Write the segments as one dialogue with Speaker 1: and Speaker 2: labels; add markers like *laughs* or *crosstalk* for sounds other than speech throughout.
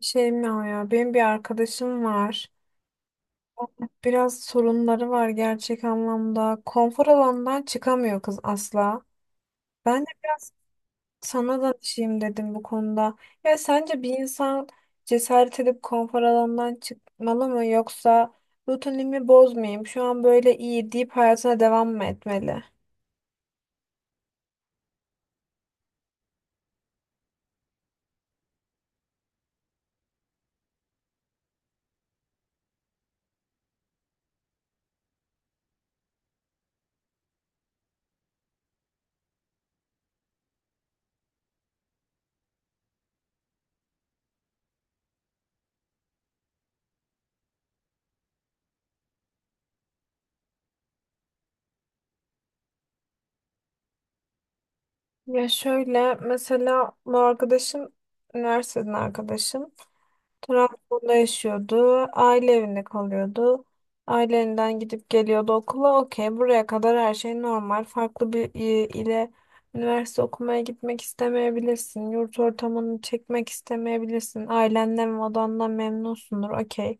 Speaker 1: Şey mi o ya? Benim bir arkadaşım var. Biraz sorunları var gerçek anlamda. Konfor alanından çıkamıyor kız asla. Ben de biraz sana danışayım dedim bu konuda. Ya sence bir insan cesaret edip konfor alanından çıkmalı mı yoksa rutinimi bozmayayım, şu an böyle iyi deyip hayatına devam mı etmeli? Ya şöyle mesela bu arkadaşım üniversiteden arkadaşım. Trabzon'da yaşıyordu. Aile evinde kalıyordu. Ailelerinden gidip geliyordu okula. Okey, buraya kadar her şey normal. Farklı bir ile üniversite okumaya gitmek istemeyebilirsin. Yurt ortamını çekmek istemeyebilirsin. Ailenden ve odandan memnunsundur. Okey.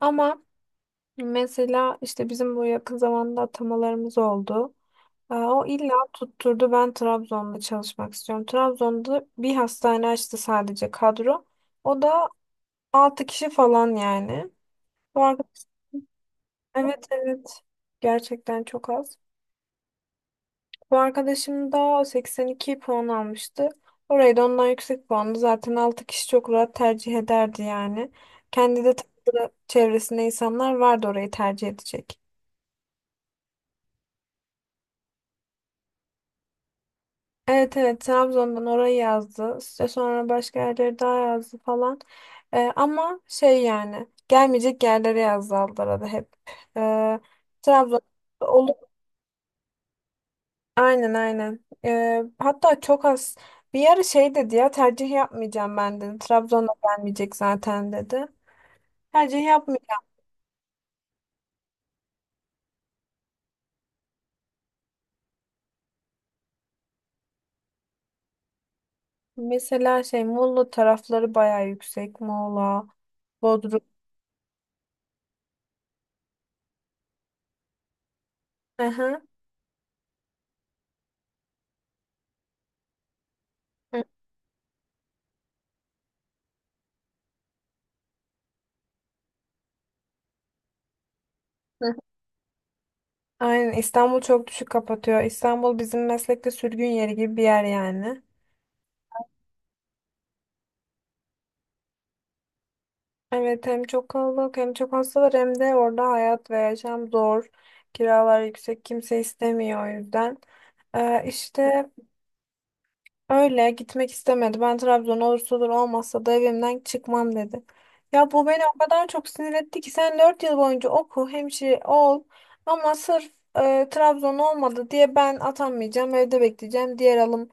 Speaker 1: Ama mesela işte bizim bu yakın zamanda atamalarımız oldu. O illa tutturdu, ben Trabzon'da çalışmak istiyorum. Trabzon'da bir hastane açtı sadece kadro. O da 6 kişi falan yani. Bu arkadaş, evet, evet, gerçekten çok az. Bu arkadaşım da 82 puan almıştı. Orayı da ondan yüksek puanlı. Zaten 6 kişi çok rahat tercih ederdi yani. Kendi de tanıdığı çevresinde insanlar vardı orayı tercih edecek. Evet, evet, Trabzon'dan orayı yazdı. İşte sonra başka yerleri daha yazdı falan. Ama şey yani gelmeyecek yerlere yazdı Aldara'da hep. Ee, Trabzon. Aynen, aynen. Hatta çok az bir ara şey dedi, ya tercih yapmayacağım ben, dedi. Trabzon'a gelmeyecek zaten, dedi. Tercih yapmayacağım. Mesela şey Muğla tarafları bayağı yüksek. Muğla, Bodrum. Aha. Hı hı. Aynen, İstanbul çok düşük kapatıyor. İstanbul bizim meslekte sürgün yeri gibi bir yer yani. Evet, hem çok kalabalık hem çok hasta var hem de orada hayat ve yaşam zor. Kiralar yüksek, kimse istemiyor o yüzden. İşte öyle gitmek istemedi. Ben Trabzon olursa olur, olmazsa da evimden çıkmam, dedi. Ya bu beni o kadar çok sinir etti ki, sen 4 yıl boyunca oku, hemşire ol, ama sırf Trabzon olmadı diye ben atanmayacağım, evde bekleyeceğim. Diğer alım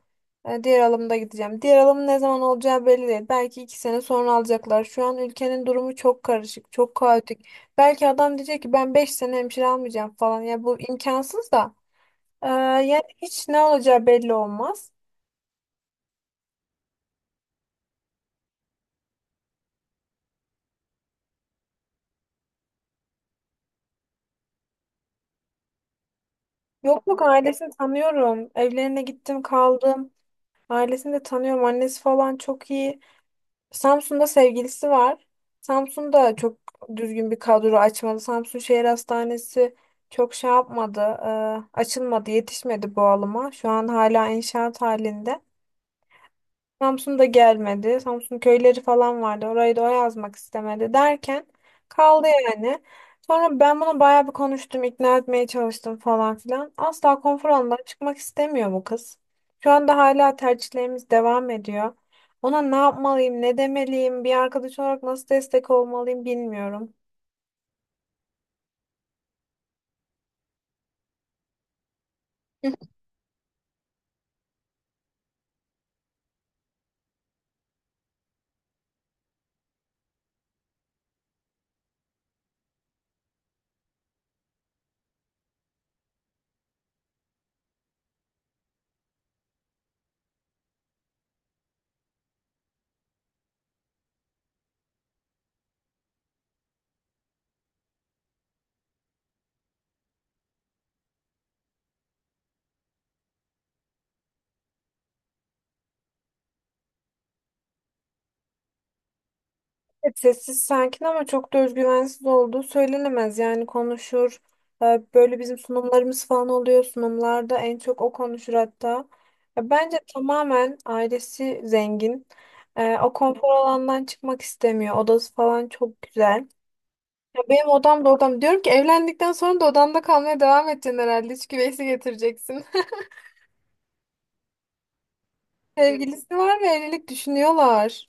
Speaker 1: e, Diğer alımda gideceğim. Diğer alım ne zaman olacağı belli değil. Belki 2 sene sonra alacaklar. Şu an ülkenin durumu çok karışık, çok kaotik. Belki adam diyecek ki ben 5 sene hemşire almayacağım falan. Ya bu imkansız da. E, yani hiç ne olacağı belli olmaz. Yok, yok, ailesini tanıyorum. Evlerine gittim, kaldım. Ailesini de tanıyorum. Annesi falan çok iyi. Samsun'da sevgilisi var. Samsun'da çok düzgün bir kadro açmadı. Samsun Şehir Hastanesi çok şey yapmadı. Açılmadı, yetişmedi bu alıma. Şu an hala inşaat halinde. Samsun da gelmedi. Samsun köyleri falan vardı. Orayı da o yazmak istemedi derken kaldı yani. Sonra ben bunu bayağı bir konuştum, ikna etmeye çalıştım falan filan. Asla konfor alanından çıkmak istemiyor bu kız. Şu anda hala tercihlerimiz devam ediyor. Ona ne yapmalıyım, ne demeliyim, bir arkadaş olarak nasıl destek olmalıyım bilmiyorum. Evet, sessiz sakin ama çok da özgüvensiz olduğu söylenemez. Yani konuşur. Böyle bizim sunumlarımız falan oluyor. Sunumlarda en çok o konuşur hatta. Ya bence tamamen ailesi zengin. O konfor alandan çıkmak istemiyor. Odası falan çok güzel. Ya benim odam da odam. Diyorum ki evlendikten sonra da odanda kalmaya devam edeceksin herhalde. Hiç güveysi getireceksin. *laughs* Sevgilisi var ve evlilik düşünüyorlar.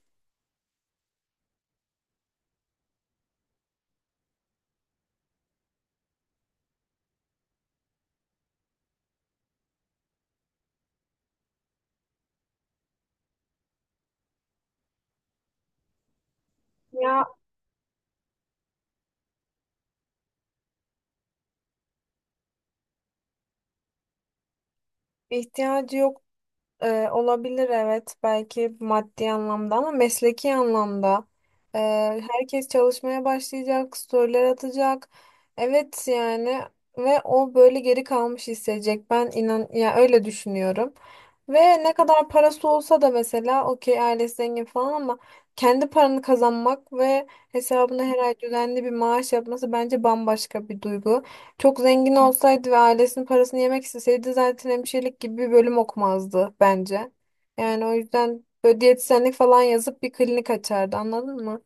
Speaker 1: Ya ihtiyacı yok. Olabilir, evet, belki maddi anlamda ama mesleki anlamda. Ee, herkes çalışmaya başlayacak, storyler atacak. Evet yani, ve o böyle geri kalmış hissedecek. Ben inan ya öyle düşünüyorum. Ve ne kadar parası olsa da, mesela okey ailesi zengin falan, ama kendi paranı kazanmak ve hesabına her ay düzenli bir maaş yapması bence bambaşka bir duygu. Çok zengin olsaydı ve ailesinin parasını yemek isteseydi zaten hemşirelik gibi bir bölüm okumazdı bence. Yani o yüzden böyle diyetisyenlik falan yazıp bir klinik açardı, anladın mı?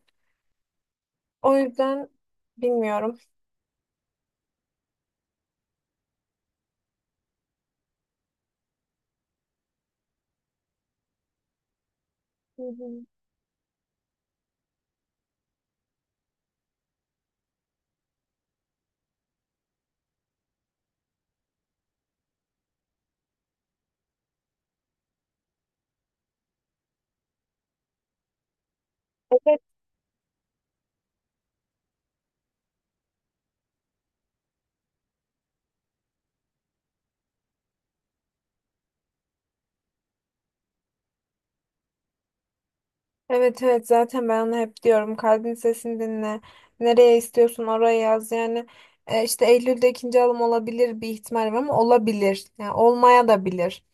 Speaker 1: O yüzden bilmiyorum. Hı hı. Evet, evet, zaten ben onu hep diyorum, kalbin sesini dinle, nereye istiyorsun oraya yaz yani. İşte Eylül'de ikinci alım olabilir, bir ihtimal var, ama olabilir yani olmaya da bilir.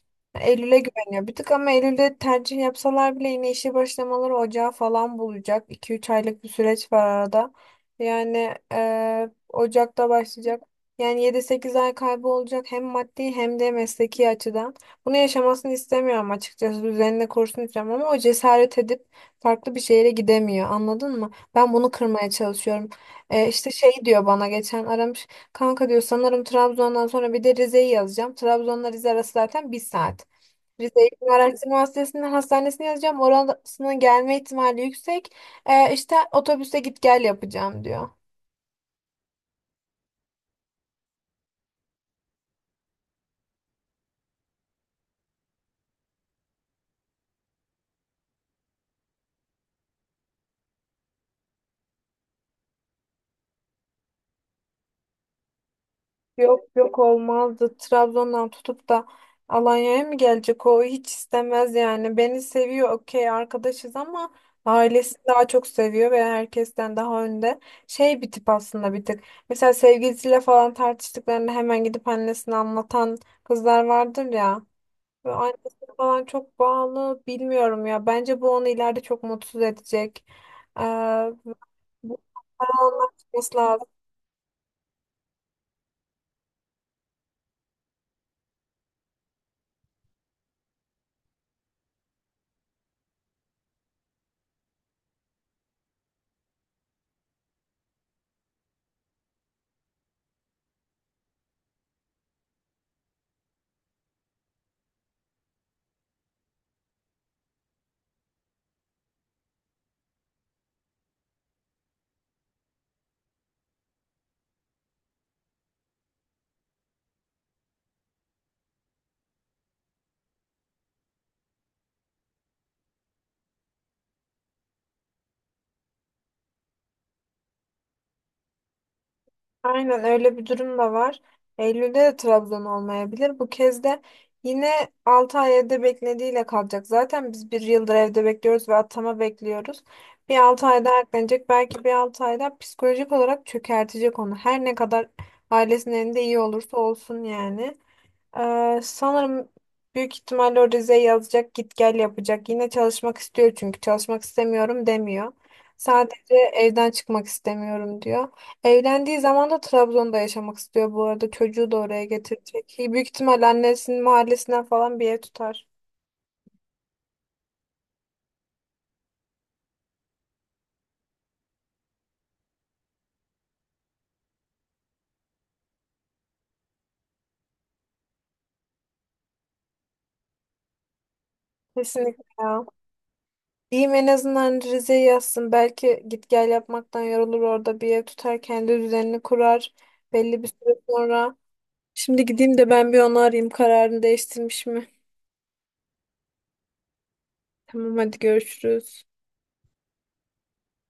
Speaker 1: Eylül'e güveniyor bir tık, ama Eylül'de tercih yapsalar bile yine işe başlamaları ocağı falan bulacak, 2-3 aylık bir süreç var arada. Yani Ocak'ta başlayacak, yani 7-8 ay kaybı olacak hem maddi hem de mesleki açıdan. Bunu yaşamasını istemiyorum açıkçası, düzenini kursun istiyorum ama o cesaret edip farklı bir şehre gidemiyor, anladın mı? Ben bunu kırmaya çalışıyorum. İşte şey diyor, bana geçen aramış. Kanka diyor, sanırım Trabzon'dan sonra bir de Rize'yi yazacağım. Trabzon'la Rize arası zaten 1 saat. Rize Eğitim Araştırma Hastanesi'nin hastanesine yazacağım. Orasının gelme ihtimali yüksek. İşte otobüse git gel yapacağım, diyor. Yok, yok, olmazdı. Trabzon'dan tutup da Alanya'ya mı gelecek? O hiç istemez yani. Beni seviyor, okey, arkadaşız ama ailesi daha çok seviyor ve herkesten daha önde. Şey bir tip aslında bir tık. Mesela sevgilisiyle falan tartıştıklarında hemen gidip annesine anlatan kızlar vardır ya. Ve annesi falan çok bağlı, bilmiyorum ya. Bence bu onu ileride çok mutsuz edecek. Ee, bu- Para olmak. Aynen, öyle bir durum da var. Eylül'de de Trabzon olmayabilir. Bu kez de yine 6 ay evde beklediğiyle kalacak. Zaten biz 1 yıldır evde bekliyoruz ve atama bekliyoruz. Bir 6 ay daha eklenecek. Belki bir 6 ay daha psikolojik olarak çökertecek onu. Her ne kadar ailesinin elinde iyi olursa olsun yani. Sanırım büyük ihtimalle o Rize'ye yazacak, git gel yapacak. Yine çalışmak istiyor çünkü çalışmak istemiyorum demiyor. Sadece evden çıkmak istemiyorum diyor. Evlendiği zaman da Trabzon'da yaşamak istiyor bu arada. Çocuğu da oraya getirecek. Büyük ihtimalle annesinin mahallesinden falan bir ev tutar. Kesinlikle ya. Diyeyim en azından Rize'ye yazsın. Belki git gel yapmaktan yorulur, orada bir ev tutar, kendi düzenini kurar belli bir süre sonra. Şimdi gideyim de ben bir onu arayayım, kararını değiştirmiş mi? Tamam, hadi görüşürüz.